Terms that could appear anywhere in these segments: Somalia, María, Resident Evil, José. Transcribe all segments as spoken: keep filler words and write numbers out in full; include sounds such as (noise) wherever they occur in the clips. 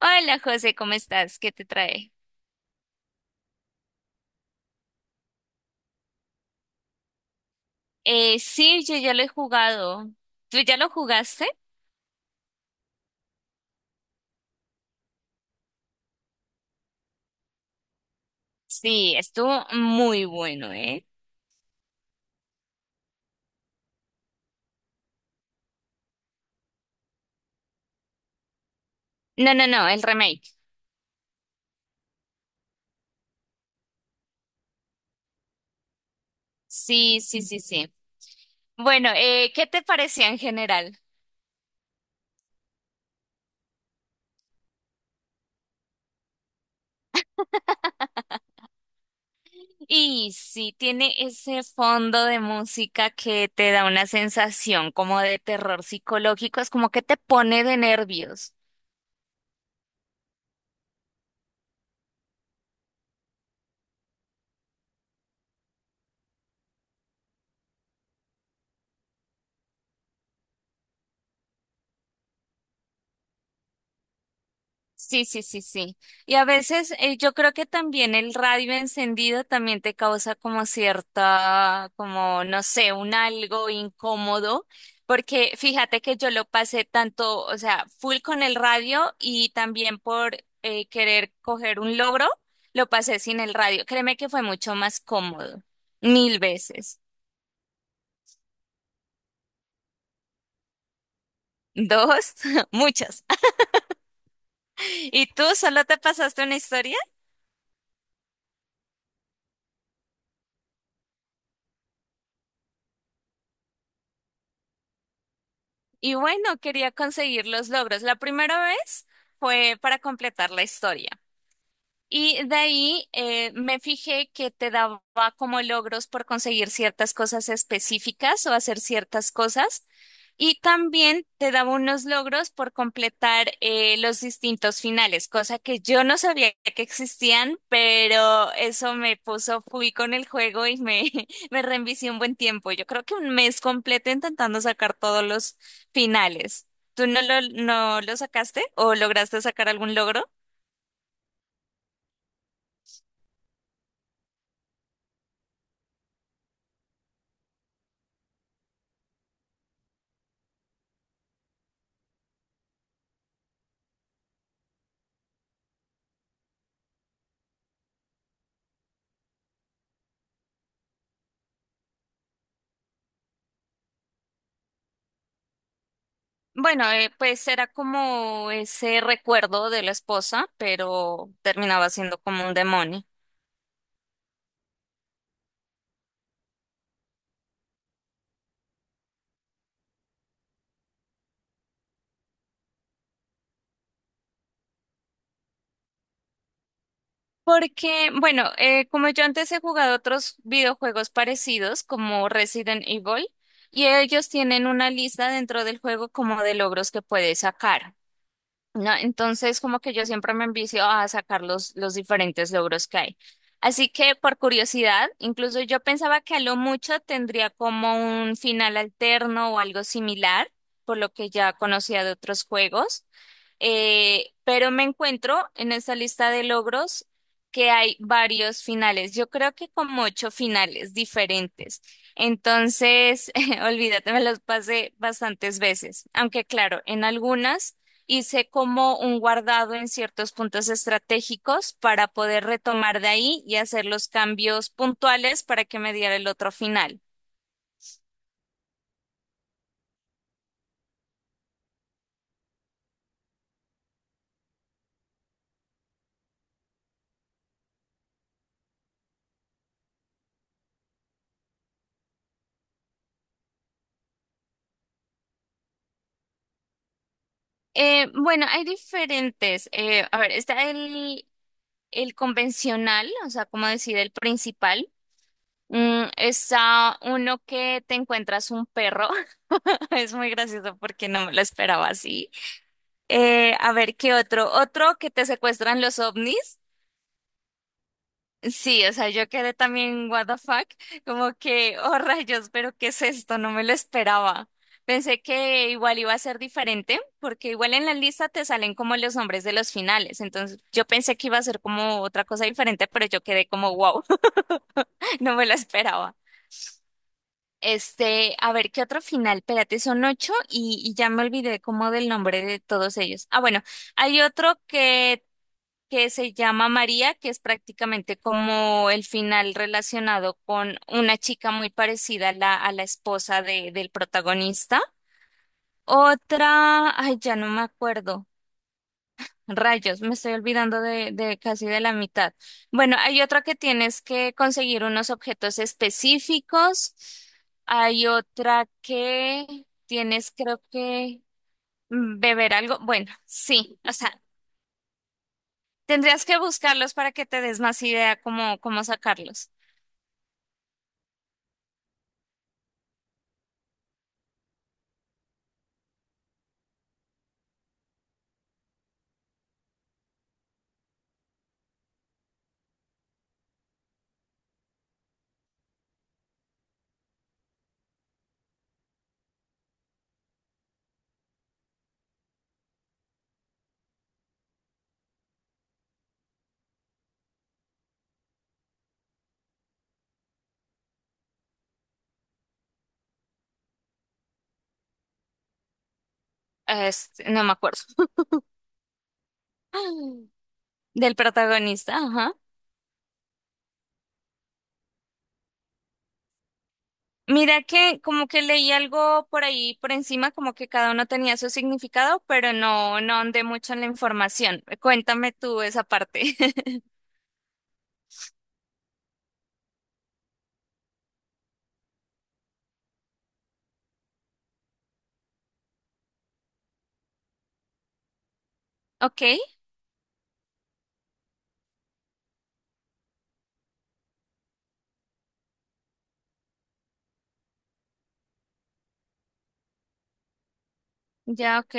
Hola José, ¿cómo estás? ¿Qué te trae? Eh, sí, yo ya lo he jugado. ¿Tú ya lo jugaste? Sí, estuvo muy bueno, ¿eh? No, no, no, el remake. Sí, sí, sí, sí. Bueno, eh, ¿qué te parecía en general? Y sí, tiene ese fondo de música que te da una sensación como de terror psicológico, es como que te pone de nervios. Sí, sí, sí, sí. Y a veces eh, yo creo que también el radio encendido también te causa como cierta, como no sé, un algo incómodo, porque fíjate que yo lo pasé tanto, o sea, full con el radio y también por eh, querer coger un logro, lo pasé sin el radio. Créeme que fue mucho más cómodo, mil veces. Dos, (laughs) muchas. (laughs) ¿Y tú solo te pasaste una historia? Y bueno, quería conseguir los logros. La primera vez fue para completar la historia. Y de ahí eh, me fijé que te daba como logros por conseguir ciertas cosas específicas o hacer ciertas cosas. Y también te daba unos logros por completar eh, los distintos finales, cosa que yo no sabía que existían, pero eso me puso, fui con el juego y me, (laughs) me reenvicié un buen tiempo. Yo creo que un mes completo intentando sacar todos los finales. ¿Tú no lo, no lo sacaste o lograste sacar algún logro? Bueno, eh, pues era como ese recuerdo de la esposa, pero terminaba siendo como un demonio. Porque, bueno, eh, como yo antes he jugado otros videojuegos parecidos, como Resident Evil, y ellos tienen una lista dentro del juego como de logros que puedes sacar, ¿no? Entonces, como que yo siempre me envicio a sacar los, los diferentes logros que hay. Así que, por curiosidad, incluso yo pensaba que a lo mucho tendría como un final alterno o algo similar, por lo que ya conocía de otros juegos. Eh, pero me encuentro en esta lista de logros que hay varios finales. Yo creo que como ocho finales diferentes. Entonces, (laughs) olvídate, me los pasé bastantes veces. Aunque claro, en algunas hice como un guardado en ciertos puntos estratégicos para poder retomar de ahí y hacer los cambios puntuales para que me diera el otro final. Eh, bueno, hay diferentes. Eh, a ver, está el, el convencional, o sea, como decir, el principal. Mm, está uno que te encuentras un perro. (laughs) Es muy gracioso porque no me lo esperaba así. Eh, a ver, ¿qué otro? Otro que te secuestran los ovnis. Sí, o sea, yo quedé también what the fuck, como que, oh rayos, pero ¿qué es esto? No me lo esperaba. Pensé que igual iba a ser diferente, porque igual en la lista te salen como los nombres de los finales, entonces yo pensé que iba a ser como otra cosa diferente, pero yo quedé como wow, (laughs) no me lo esperaba. Este, a ver, ¿qué otro final? Espérate, son ocho y, y ya me olvidé como del nombre de todos ellos. Ah, bueno, hay otro que que se llama María, que es prácticamente como el final relacionado con una chica muy parecida a la, a la esposa de- del protagonista. Otra, ay, ya no me acuerdo. Rayos, me estoy olvidando de, de casi de la mitad. Bueno, hay otra que tienes que conseguir unos objetos específicos. Hay otra que tienes, creo que, mm, beber algo. Bueno, sí, o sea, tendrías que buscarlos para que te des más idea cómo, cómo sacarlos. Este, no me acuerdo. (gasps) (laughs) Del protagonista, ajá. Mira que como que leí algo por ahí por encima, como que cada uno tenía su significado, pero no, no ahondé mucho en la información. Cuéntame tú esa parte. (laughs) Ok, ya, ok.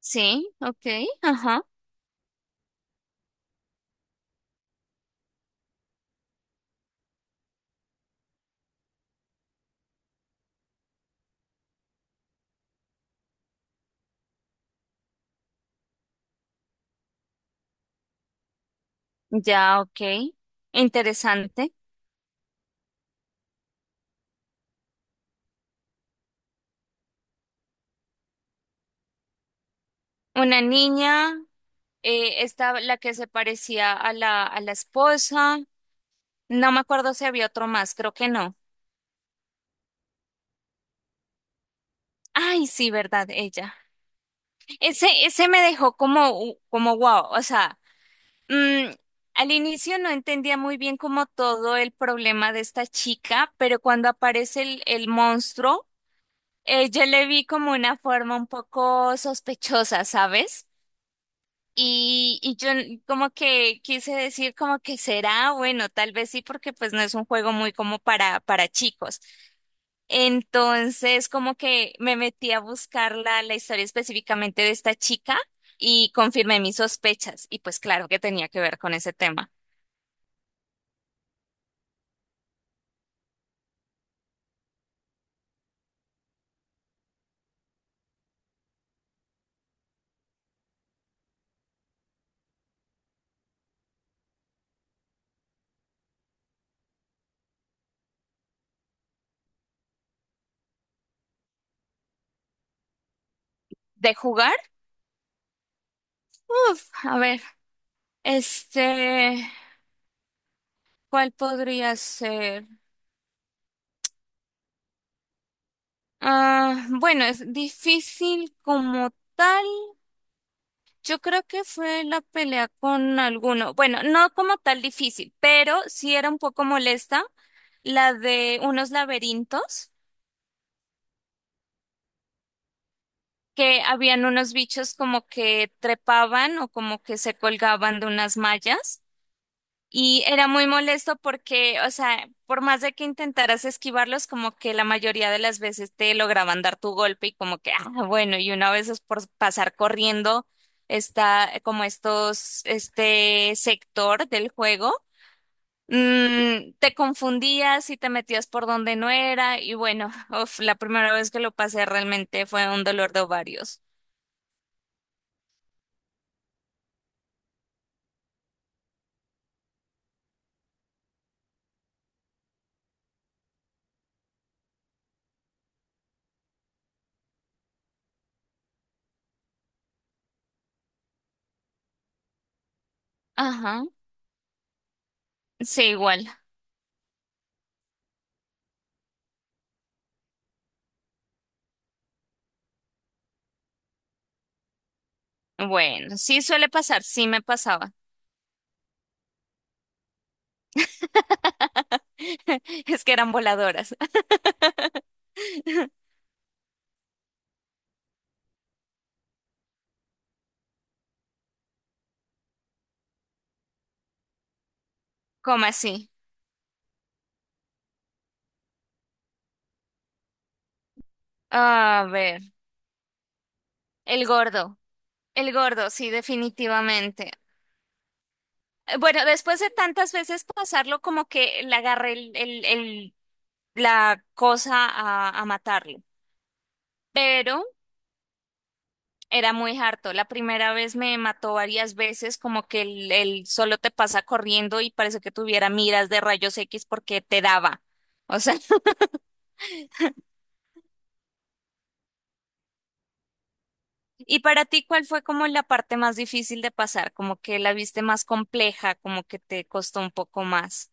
Sí, ok, ajá. Ya, ok. Interesante. Una niña, eh, esta, la que se parecía a la, a la esposa. No me acuerdo si había otro más, creo que no. Ay, sí, verdad, ella. Ese, ese me dejó como, u- como wow. O sea, mm, al inicio no entendía muy bien como todo el problema de esta chica, pero cuando aparece el, el monstruo, eh, yo le vi como una forma un poco sospechosa, ¿sabes? Y, y yo n- como que quise decir como que será, bueno, tal vez sí, porque pues no es un juego muy como para, para chicos. Entonces, como que me metí a buscar la, la historia específicamente de esta chica y confirmé mis sospechas. Y pues claro que tenía que ver con ese tema. ¿De jugar? Uf, a ver, este, ¿cuál podría ser? Ah, bueno, es difícil como tal. Yo creo que fue la pelea con alguno. Bueno, no como tal difícil, pero sí era un poco molesta la de unos laberintos que habían unos bichos como que trepaban o como que se colgaban de unas mallas. Y era muy molesto porque, o sea, por más de que intentaras esquivarlos, como que la mayoría de las veces te lograban dar tu golpe y como que, ah, bueno, y una vez es por pasar corriendo, está como estos, este sector del juego, mm, te confundías y te metías por donde no era y bueno, (laughs) uf, la primera vez que lo pasé realmente fue un dolor de ovarios. Ajá, sí, igual. Bueno, sí suele pasar, sí me pasaba. (laughs) Es que eran voladoras. (laughs) ¿Cómo así? A ver, el gordo. El gordo, sí, definitivamente. Eh, Bueno, después de tantas veces pasarlo, como que le agarré el, el- el- la cosa a, a matarlo. Pero era muy harto. La primera vez me mató varias veces, como que el, el solo te pasa corriendo y parece que tuviera miras de rayos X porque te daba. O sea. Y para ti, ¿cuál fue como la parte más difícil de pasar? Como que la viste más compleja, como que te costó un poco más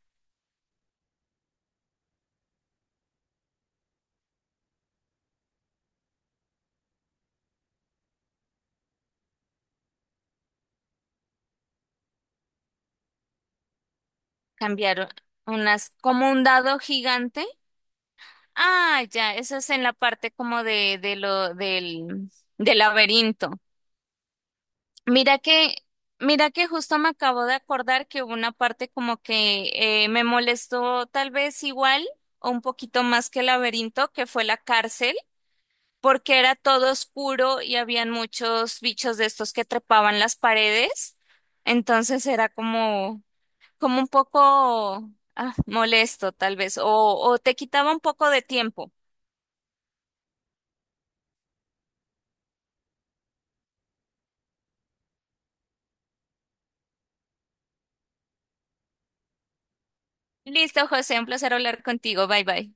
cambiar unas, como un dado gigante. Ah, ya, eso es en la parte como de, de lo, del, del laberinto. Mira que, mira que justo me acabo de acordar que hubo una parte como que eh, me molestó tal vez igual o un poquito más que el laberinto, que fue la cárcel porque era todo oscuro y habían muchos bichos de estos que trepaban las paredes. Entonces era como, como un poco ah, molesto, tal vez, o, o te quitaba un poco de tiempo. Listo, José, un placer hablar contigo. Bye bye.